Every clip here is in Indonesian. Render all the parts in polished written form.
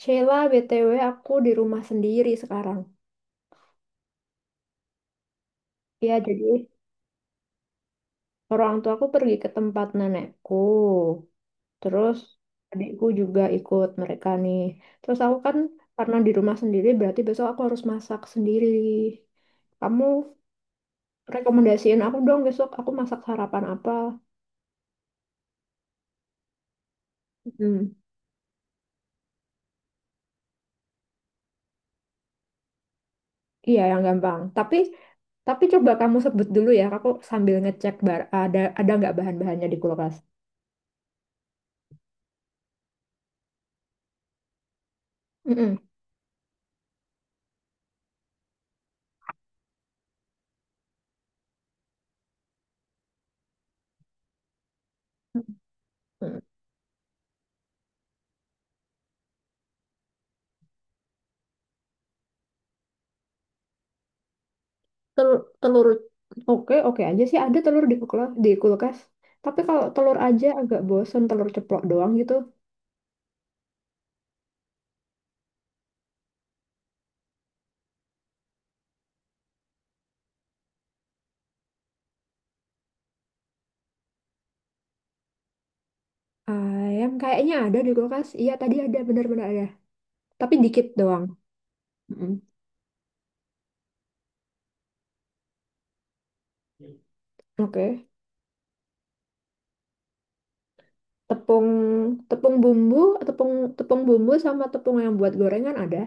Sheila, BTW aku di rumah sendiri sekarang. Ya, jadi orang tua aku pergi ke tempat nenekku. Terus adikku juga ikut mereka nih. Terus aku kan karena di rumah sendiri berarti besok aku harus masak sendiri. Kamu rekomendasiin aku dong, besok aku masak sarapan apa? Hmm, iya yang gampang. Tapi coba kamu sebut dulu ya, aku sambil ngecek bar ada nggak bahan-bahannya di kulkas. Mm-mm. Telur, oke oke aja sih, ada telur di kulkas. Tapi kalau telur aja agak bosen, telur ceplok doang gitu. Ayam kayaknya ada di kulkas. Iya tadi ada, benar-benar ada. Tapi dikit doang. Mm-mm. Oke. Tepung, tepung bumbu, tepung tepung bumbu sama tepung yang buat gorengan ada.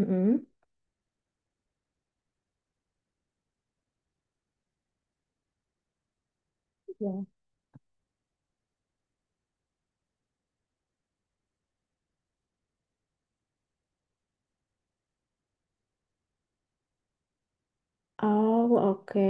Mm-mm. Ya. Oh, oke.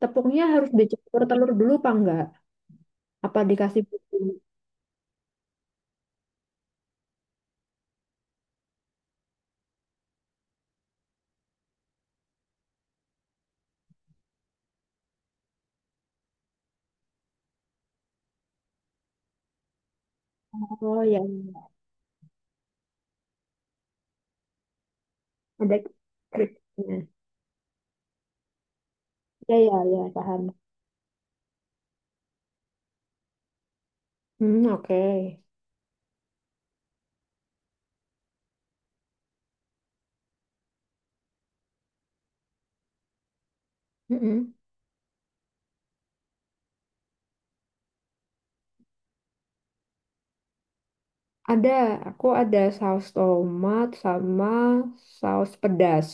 Tepungnya harus dicampur telur dulu apa enggak? Apa dikasih bumbu? Oh ya, ada keripiknya. Ya ya ya, paham. Hmm, oke. Mm-mm. Ada, aku ada saus tomat sama saus pedas.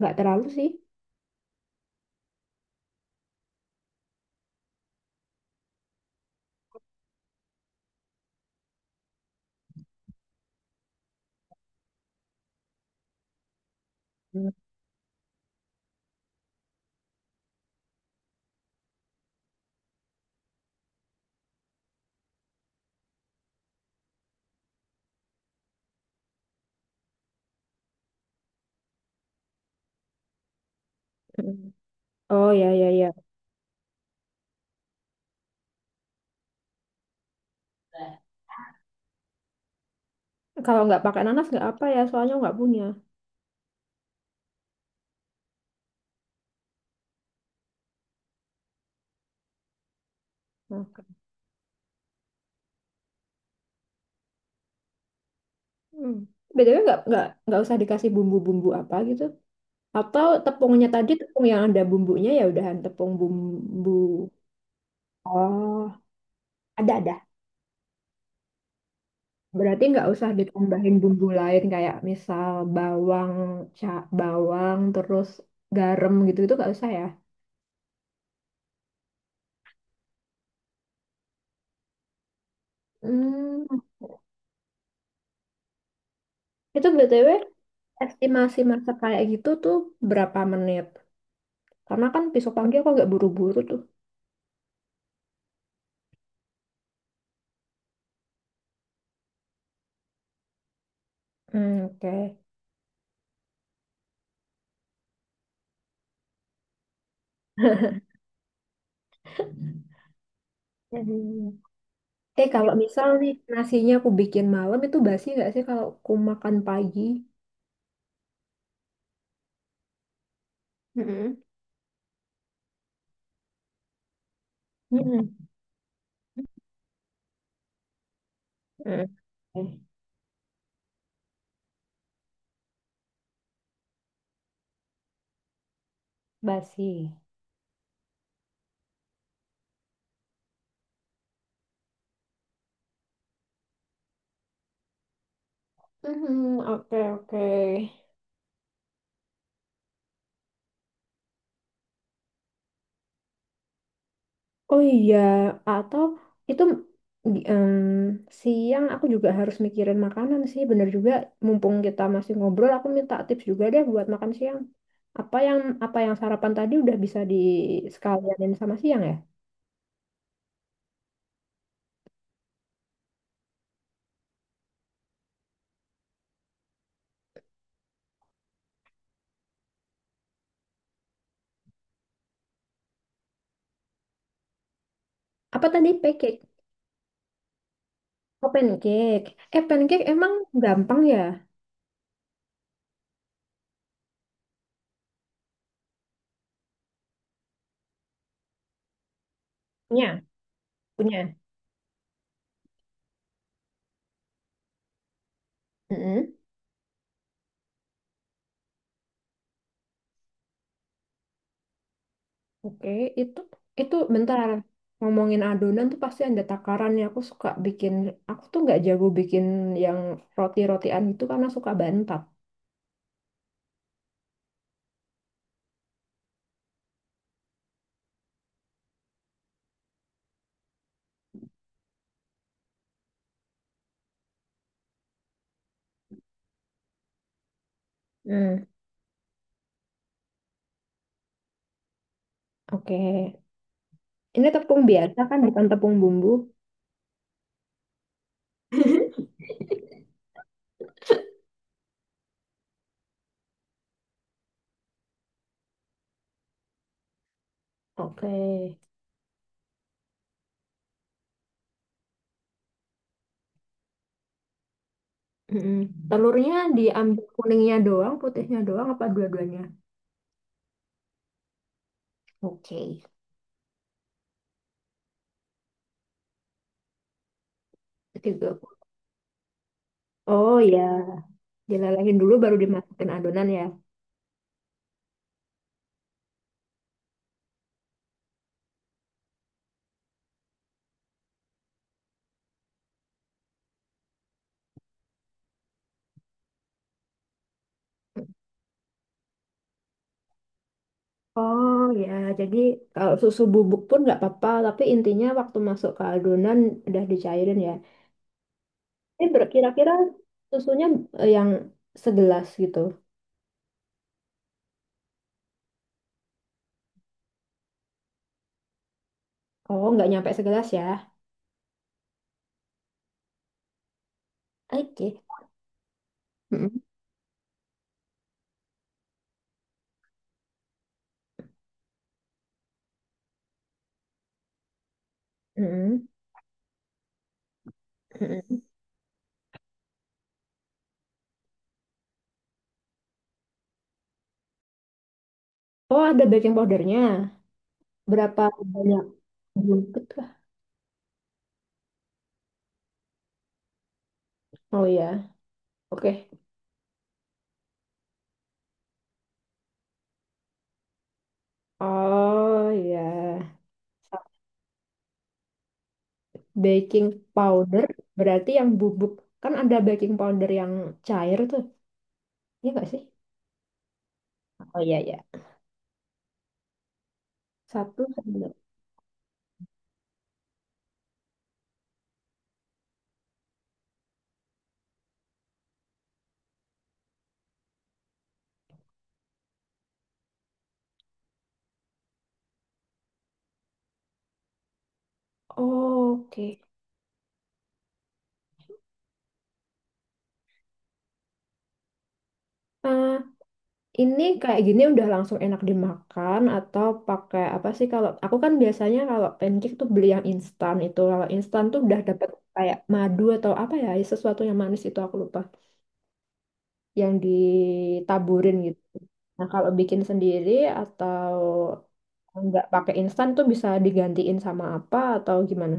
Nggak terlalu sih. Mm-mm. Oh ya ya ya. Kalau nggak pakai nanas nggak apa ya, soalnya nggak punya. Oke. Hmm. BTW nggak usah dikasih bumbu-bumbu apa gitu. Atau tepungnya tadi tepung yang ada bumbunya, ya udahan tepung bumbu. Oh, ada ada. Berarti nggak usah ditambahin bumbu lain kayak misal bawang, ca bawang, terus garam gitu, itu nggak usah ya? Hmm, itu BTW estimasi masak kayak gitu tuh berapa menit? Karena kan besok pagi aku agak buru-buru tuh. Hmm, oke. Hmm. Eh, kalau misal nih nasinya aku bikin malam, itu basi nggak sih kalau aku makan pagi? Mm-mm. Hmm. Hmm. Eh, basi. Hmm, oke oke. Oh iya, atau itu, em, siang aku juga harus mikirin makanan sih, bener juga. Mumpung kita masih ngobrol, aku minta tips juga deh buat makan siang. Apa yang sarapan tadi udah bisa di disekalianin sama siang ya? Apa tadi pancake? Oh, pancake. Eh, pancake emang gampang ya? Punya, punya. Oke, itu itu bentar, ngomongin adonan tuh pasti ada takarannya. Aku suka bikin, aku tuh nggak jago bikin yang roti-rotian itu karena suka bantat. Hmm. Oke, ini tepung biasa kan, bukan tepung bumbu. Oke. Mm-mm. Telurnya diambil kuningnya doang, putihnya doang, apa dua-duanya? Oke. Tiga. Oh ya, dilelehin dulu baru dimasukin adonan ya. Oh ya, jadi kalau susu bubuk pun nggak apa-apa, tapi intinya waktu masuk ke adonan udah dicairin ya. Ini berkira-kira susunya yang segelas gitu. Oh, nggak nyampe segelas ya. Oke. Mm-mm. Mm-mm. Mm-mm. Oh, ada baking powdernya. Berapa banyak, bungkus lah? Oh ya, oke. Oh ya, baking powder berarti yang bubuk. Kan ada baking powder yang cair tuh, iya nggak sih? Oh iya, iya. Satu. Oke. Nah, ini kayak gini udah langsung enak dimakan atau pakai apa sih? Kalau aku kan biasanya kalau pancake tuh beli yang instan itu. Kalau instan tuh udah dapat kayak madu atau apa ya, sesuatu yang manis itu aku lupa, yang ditaburin gitu. Nah, kalau bikin sendiri atau nggak pakai instan tuh bisa digantiin sama apa atau gimana?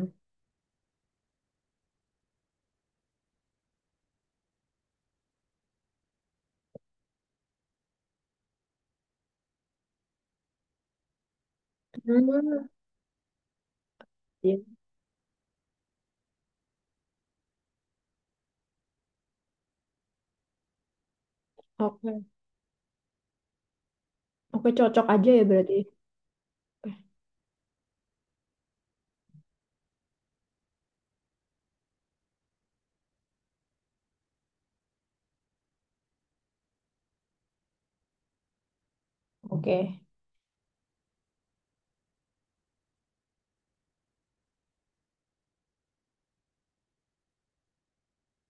Hmm. Iya. Oke. Oke, cocok aja ya berarti. Oke.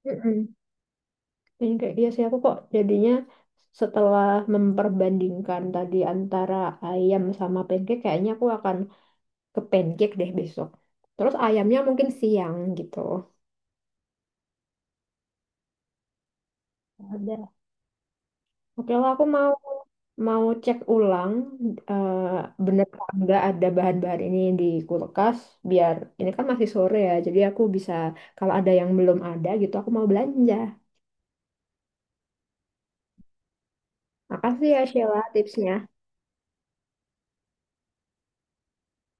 Mm-mm. Yang kayak iya sih, aku kok jadinya setelah memperbandingkan tadi antara ayam sama pancake, kayaknya aku akan ke pancake deh besok. Terus ayamnya mungkin siang gitu. Ada. Oke lah, aku mau mau cek ulang eh, bener apa enggak ada bahan-bahan ini di kulkas, biar ini kan masih sore ya. Jadi aku bisa kalau ada yang belum ada gitu aku mau belanja. Makasih ya Sheila tipsnya.